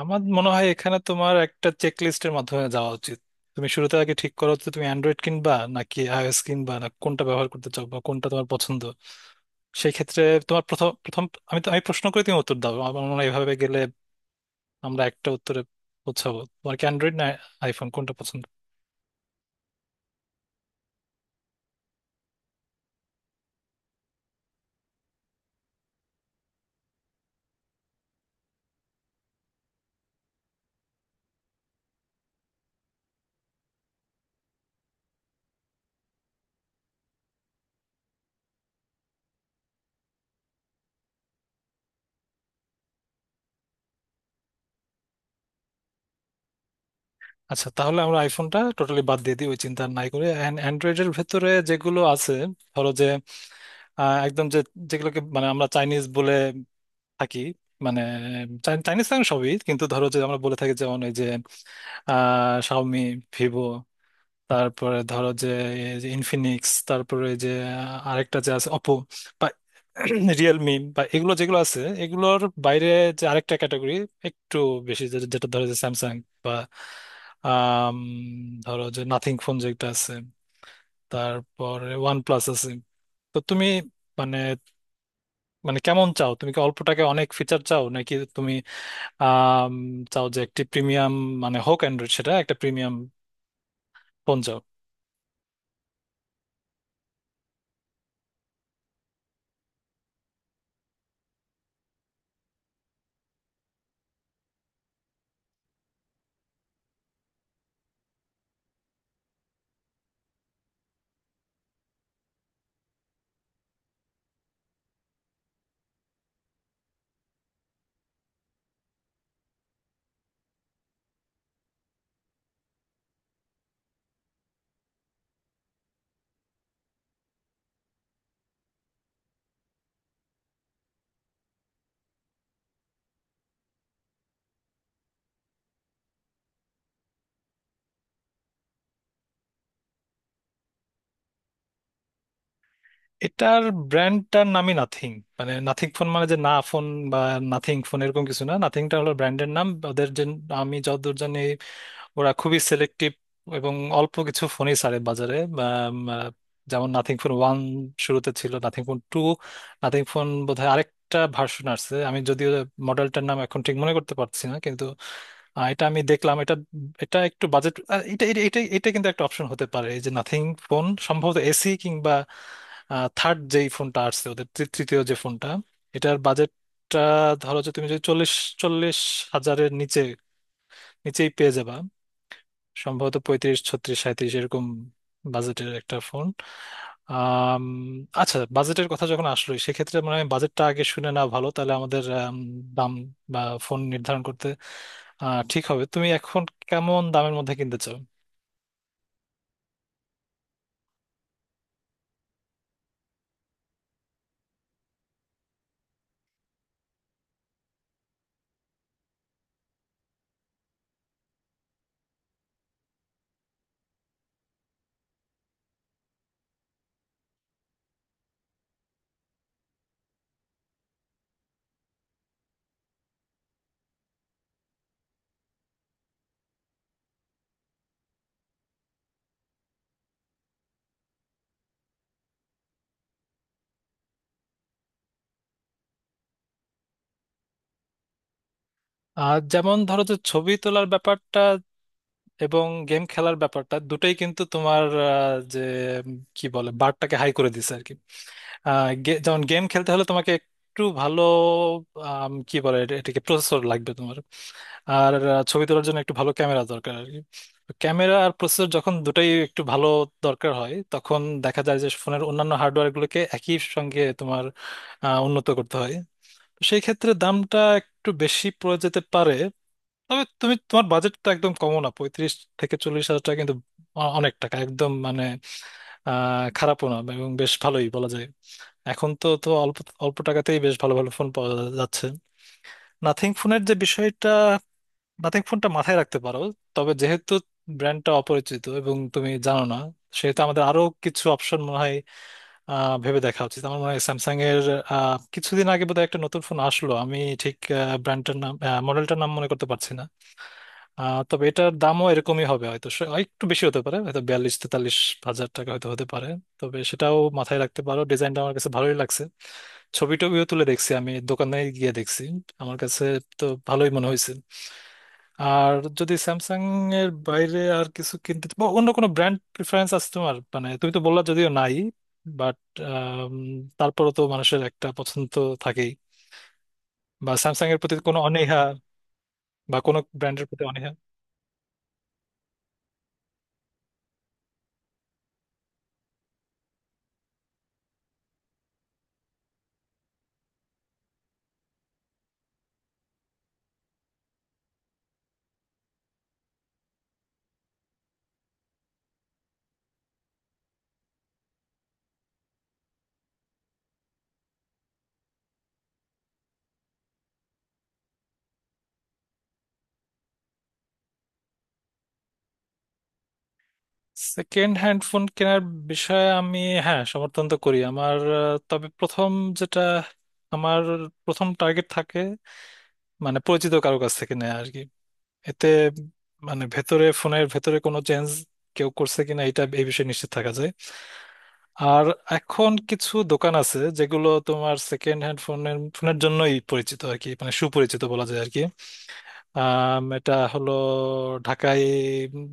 আমার মনে হয় এখানে তোমার একটা চেক লিস্টের মাধ্যমে যাওয়া উচিত। তুমি শুরুতে আগে ঠিক করো যে তুমি অ্যান্ড্রয়েড কিনবা নাকি আইওএস কিনবা, না কোনটা ব্যবহার করতে চাও বা কোনটা তোমার পছন্দ। সেই ক্ষেত্রে তোমার প্রথম প্রথম আমি প্রশ্ন করে তুমি উত্তর দাও, আমার মনে হয় এভাবে গেলে আমরা একটা উত্তরে পৌঁছাবো। তোমার কি অ্যান্ড্রয়েড না আইফোন কোনটা পছন্দ? আচ্ছা, তাহলে আমরা আইফোনটা টোটালি বাদ দিয়ে দিই, ওই চিন্তা নাই করে। অ্যান্ড্রয়েডের ভেতরে যেগুলো আছে, ধরো যে একদম যে যেগুলোকে মানে আমরা চাইনিজ বলে থাকি, মানে চাইনিজ ফ্যান সবই, কিন্তু ধরো যে আমরা বলে থাকি যেমন ওই যে শাওমি, ভিভো, তারপরে ধরো যে এই যে ইনফিনিক্স, তারপরে ওই যে আরেকটা যে আছে অপো, বা রিয়েলমি, বা এগুলো যেগুলো আছে, এগুলোর বাইরে যে আরেকটা ক্যাটাগরি একটু বেশি যেটা ধরো যে স্যামসাং, বা আম, ধরো যে নাথিং ফোন যেটা আছে, তারপরে ওয়ান প্লাস আছে। তো তুমি মানে মানে কেমন চাও? তুমি কি অল্প টাকায় অনেক ফিচার চাও, নাকি তুমি আম, চাও যে একটি প্রিমিয়াম, মানে হোক অ্যান্ড্রয়েড, সেটা একটা প্রিমিয়াম ফোন চাও? এটার ব্র্যান্ডটার নামই নাথিং। মানে নাথিং ফোন মানে যে না ফোন বা নাথিং ফোন এরকম কিছু না, নাথিংটা হলো ব্র্যান্ডের নাম। ওদের যে, আমি যতদূর জানি, ওরা খুবই সিলেক্টিভ এবং অল্প কিছু ফোনই ছাড়ে বাজারে। উম, আহ, যেমন নাথিং ফোন 1 শুরুতে ছিল, নাথিং ফোন 2, নাথিং ফোন বোধহয় আরেকটা ভার্সন আসছে, আমি যদিও মডেলটার নাম এখন ঠিক মনে করতে পারছি না। কিন্তু এটা আমি দেখলাম, এটা এটা একটু বাজেট, এটা এটা এটা এটা কিন্তু একটা অপশন হতে পারে, এই যে নাথিং ফোন সম্ভবত এসি কিংবা থার্ড, যেই ফোনটা আসছে ওদের তৃতীয় যে ফোনটা, এটার বাজেটটা ধরো যে তুমি যদি চল্লিশ চল্লিশ হাজারের নিচে, নিচেই পেয়ে যাবা। সম্ভবত 35 36 37 এরকম বাজেটের একটা ফোন। আম, আচ্ছা, বাজেটের কথা যখন আসলো, সেক্ষেত্রে মানে বাজেটটা আগে শুনে না ভালো, তাহলে আমাদের দাম বা ফোন নির্ধারণ করতে ঠিক হবে। তুমি এখন কেমন দামের মধ্যে কিনতে চাও? আর যেমন ধরো যে ছবি তোলার ব্যাপারটা এবং গেম খেলার ব্যাপারটা দুটোই কিন্তু তোমার যে কি বলে বারটাকে হাই করে দিছে আর কি। যেমন গেম খেলতে হলে তোমাকে একটু ভালো কি বলে এটাকে প্রসেসর লাগবে তোমার। আর ছবি তোলার জন্য একটু ভালো ক্যামেরা দরকার আর কি। তো ক্যামেরা আর প্রসেসর যখন দুটাই একটু ভালো দরকার হয়, তখন দেখা যায় যে ফোনের অন্যান্য হার্ডওয়্যার গুলোকে একই সঙ্গে তোমার উন্নত করতে হয়। তো সেই ক্ষেত্রে দামটা একটু বেশি পড়ে যেতে পারে। তবে তুমি তোমার বাজেটটা একদম কমও না, 35 থেকে 40 হাজার টাকা কিন্তু অনেক টাকা, একদম মানে খারাপও না, এবং বেশ ভালোই বলা যায়। এখন তো তো অল্প অল্প টাকাতেই বেশ ভালো ভালো ফোন পাওয়া যাচ্ছে। নাথিং ফোনের যে বিষয়টা, নাথিং ফোনটা মাথায় রাখতে পারো। তবে যেহেতু ব্র্যান্ডটা অপরিচিত এবং তুমি জানো না, সেহেতু আমাদের আরো কিছু অপশন মনে হয় ভেবে দেখা উচিত। আমার মনে হয় স্যামসাং এর কিছুদিন আগে বোধহয় একটা নতুন ফোন আসলো, আমি ঠিক ব্র্যান্ডটার নাম মডেলটার নাম মনে করতে পারছি না। তবে এটার দামও এরকমই হবে হয়তো, আর একটু বেশি হতে পারে, হয়তো 42 43 হাজার টাকা হয়তো হতে পারে। তবে সেটাও মাথায় রাখতে পারো, ডিজাইনটা আমার কাছে ভালোই লাগছে। ছবি টবিও তুলে দেখছি, আমি দোকানে গিয়ে দেখছি, আমার কাছে তো ভালোই মনে হয়েছে। আর যদি স্যামসাং এর বাইরে আর কিছু কিনতে বা অন্য কোনো ব্র্যান্ড প্রিফারেন্স আছে তোমার, মানে তুমি তো বললা যদিও নাই, বাট তারপরও তো মানুষের একটা পছন্দ তো থাকেই। বা স্যামসাং এর প্রতি কোনো অনীহা, বা কোনো ব্র্যান্ডের প্রতি অনীহা? সেকেন্ড হ্যান্ড ফোন কেনার বিষয়ে আমি, হ্যাঁ, সমর্থন তো করি আমার। তবে প্রথম যেটা আমার প্রথম টার্গেট থাকে, মানে পরিচিত কারো কাছ থেকে নেয়া আর কি। এতে মানে ভেতরে, ফোনের ভেতরে কোনো চেঞ্জ কেউ করছে কিনা, এটা এই বিষয়ে নিশ্চিত থাকা যায়। আর এখন কিছু দোকান আছে যেগুলো তোমার সেকেন্ড হ্যান্ড ফোনের ফোনের জন্যই পরিচিত আর কি, মানে সুপরিচিত বলা যায় আর কি। এটা হলো ঢাকায়,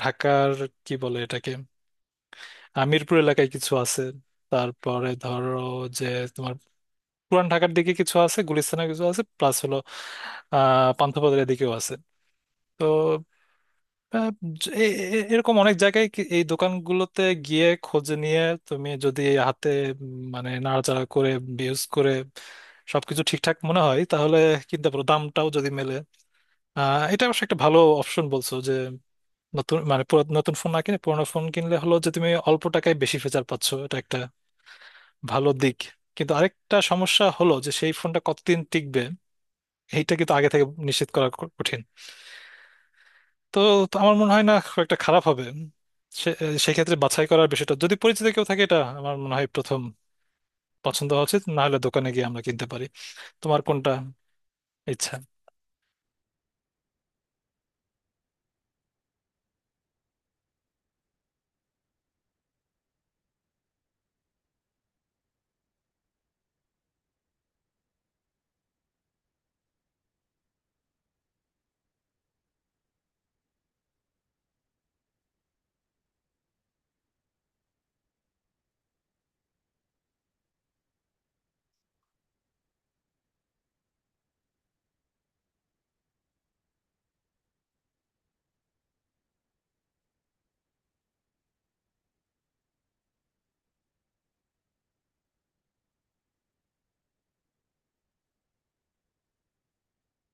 ঢাকার কি বলে এটাকে, মিরপুর এলাকায় কিছু আছে, তারপরে ধরো যে তোমার পুরান ঢাকার দিকে কিছু আছে, গুলিস্তানে কিছু আছে, প্লাস হলো পান্থপথের দিকেও আছে। তো আহ, জ- এ- এ- এরকম অনেক জায়গায় এই দোকানগুলোতে গিয়ে খোঁজ নিয়ে, তুমি যদি হাতে মানে নাড়াচাড়া করে, ইউজ করে সবকিছু ঠিকঠাক মনে হয়, তাহলে কিনতে পারো, দামটাও যদি মেলে। এটা অবশ্য একটা ভালো অপশন বলছো যে নতুন মানে নতুন ফোন না কিনে পুরোনো ফোন কিনলে হলো যে তুমি অল্প টাকায় বেশি ফিচার পাচ্ছ, এটা একটা ভালো দিক। কিন্তু আরেকটা সমস্যা হলো যে সেই ফোনটা কতদিন টিকবে, এইটা কিন্তু আগে থেকে নিশ্চিত করা কঠিন। তো তো আমার মনে হয় না খুব একটা খারাপ হবে। সে- সেক্ষেত্রে বাছাই করার বিষয়টা যদি পরিচিত কেউ থাকে, এটা আমার মনে হয় প্রথম পছন্দ হওয়া উচিত। না হলে দোকানে গিয়ে আমরা কিনতে পারি। তোমার কোনটা ইচ্ছা?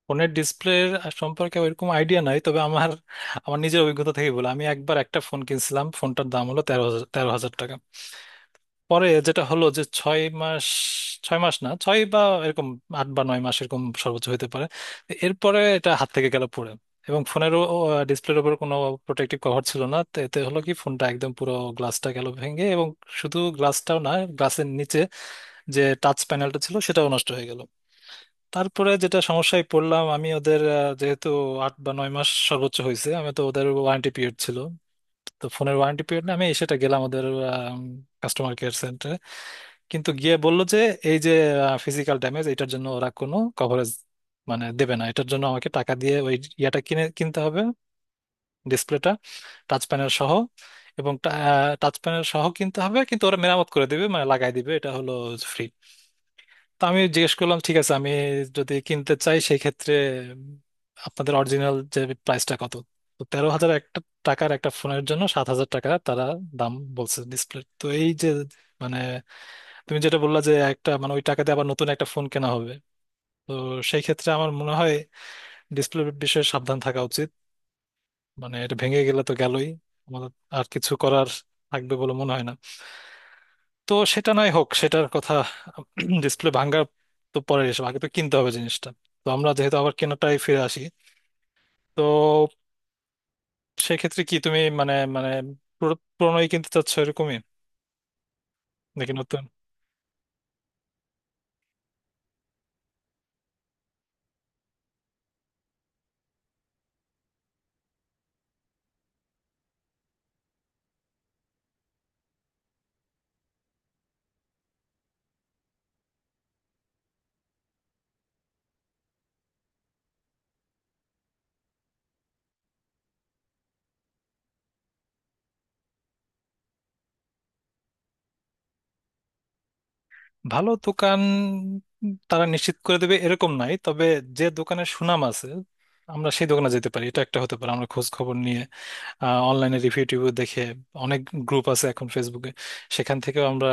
ফোনের ডিসপ্লে সম্পর্কে ওইরকম আইডিয়া নাই, তবে আমার, আমার নিজের অভিজ্ঞতা থেকে বলে আমি একবার একটা ফোন কিনছিলাম, ফোনটার দাম হলো তেরো হাজার টাকা। পরে যেটা হলো যে 6 মাস, ছয় মাস না ছয় বা এরকম 8 বা 9 মাস এরকম সর্বোচ্চ হতে পারে, এরপরে এটা হাত থেকে গেল পড়ে। এবং ফোনের ডিসপ্লের উপর কোনো প্রোটেক্টিভ কভার ছিল না, তো এতে হলো কি, ফোনটা একদম পুরো গ্লাসটা গেল ভেঙে। এবং শুধু গ্লাসটাও না, গ্লাসের নিচে যে টাচ প্যানেলটা ছিল সেটাও নষ্ট হয়ে গেল। তারপরে যেটা সমস্যায় পড়লাম, আমি ওদের যেহেতু 8 বা 9 মাস সর্বোচ্চ হয়েছে, আমি তো ওদের ওয়ারেন্টি পিরিয়ড ছিল, তো ফোনের ওয়ারেন্টি পিরিয়ড, না আমি সেটা গেলাম ওদের, কিন্তু গিয়ে বলল যে এই যে ফিজিক্যাল ড্যামেজ, এটার জন্য ওরা কোনো কভারেজ মানে দেবে না। এটার জন্য আমাকে টাকা দিয়ে ওই ইয়াটা কিনতে হবে, ডিসপ্লেটা টাচ প্যানেল সহ। এবং টাচ প্যানেল সহ কিনতে হবে, কিন্তু ওরা মেরামত করে দেবে, মানে লাগাই দিবে, এটা হলো ফ্রি। তো আমি জিজ্ঞেস করলাম, ঠিক আছে, আমি যদি কিনতে চাই সেই ক্ষেত্রে আপনাদের অরিজিনাল যে প্রাইসটা কত? তো 13 হাজার একটা টাকার একটা ফোনের জন্য 7 হাজার টাকা তারা দাম বলছে ডিসপ্লে। তো এই যে মানে তুমি যেটা বললা যে একটা মানে ওই টাকাতে আবার নতুন একটা ফোন কেনা হবে, তো সেই ক্ষেত্রে আমার মনে হয় ডিসপ্লে বিষয়ে সাবধান থাকা উচিত। মানে এটা ভেঙে গেলে তো গেলই, আমাদের আর কিছু করার থাকবে বলে মনে হয় না। তো সেটা নয় হোক সেটার কথা, ডিসপ্লে ভাঙা তো পরের, এসব আগে তো কিনতে হবে জিনিসটা। তো আমরা যেহেতু আবার কেনাটাই ফিরে আসি, তো সেক্ষেত্রে কি তুমি মানে মানে পুরো পুরোনোই কিনতে চাচ্ছ এরকমই নাকি নতুন? ভালো দোকান তারা নিশ্চিত করে দেবে এরকম নাই, তবে যে দোকানের সুনাম আছে, আমরা সেই দোকানে যেতে পারি, এটা একটা হতে পারে। আমরা খোঁজ খবর নিয়ে, অনলাইনে রিভিউ টিভিউ দেখে, অনেক গ্রুপ আছে এখন ফেসবুকে, সেখান থেকেও আমরা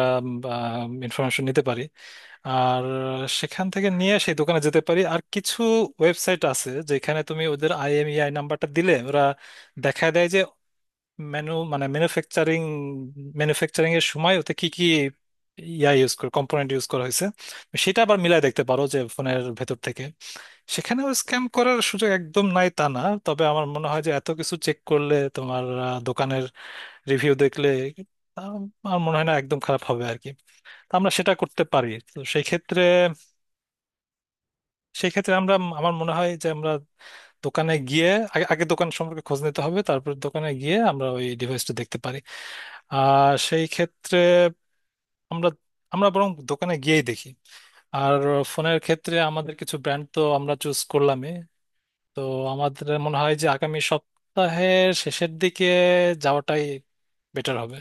ইনফরমেশন নিতে পারি। আর সেখান থেকে নিয়ে সেই দোকানে যেতে পারি। আর কিছু ওয়েবসাইট আছে যেখানে তুমি ওদের আইএমইআই নাম্বারটা দিলে ওরা দেখায় দেয় যে ম্যানুফ্যাকচারিং, এর সময় ওতে কি কি ইয়া ইউজ করে, কম্পোনেন্ট ইউজ করা হয়েছে, সেটা আবার মিলাই দেখতে পারো যে ফোনের ভেতর থেকে। সেখানেও স্ক্যাম করার সুযোগ একদম নাই তা না, তবে আমার মনে হয় যে এত কিছু চেক করলে তোমার দোকানের রিভিউ দেখলে, আম, আমার মনে হয় না একদম খারাপ হবে আর কি। তো আমরা সেটা করতে পারি। তো সেই ক্ষেত্রে আমরা, আমার মনে হয় যে আমরা দোকানে গিয়ে, আগে আগে দোকান সম্পর্কে খোঁজ নিতে হবে, তারপর দোকানে গিয়ে আমরা ওই ডিভাইসটা দেখতে পারি। আর সেই ক্ষেত্রে আমরা আমরা বরং দোকানে গিয়েই দেখি। আর ফোনের ক্ষেত্রে আমাদের কিছু ব্র্যান্ড তো আমরা চুজ করলামই। তো আমাদের মনে হয় যে আগামী সপ্তাহের শেষের দিকে যাওয়াটাই বেটার হবে।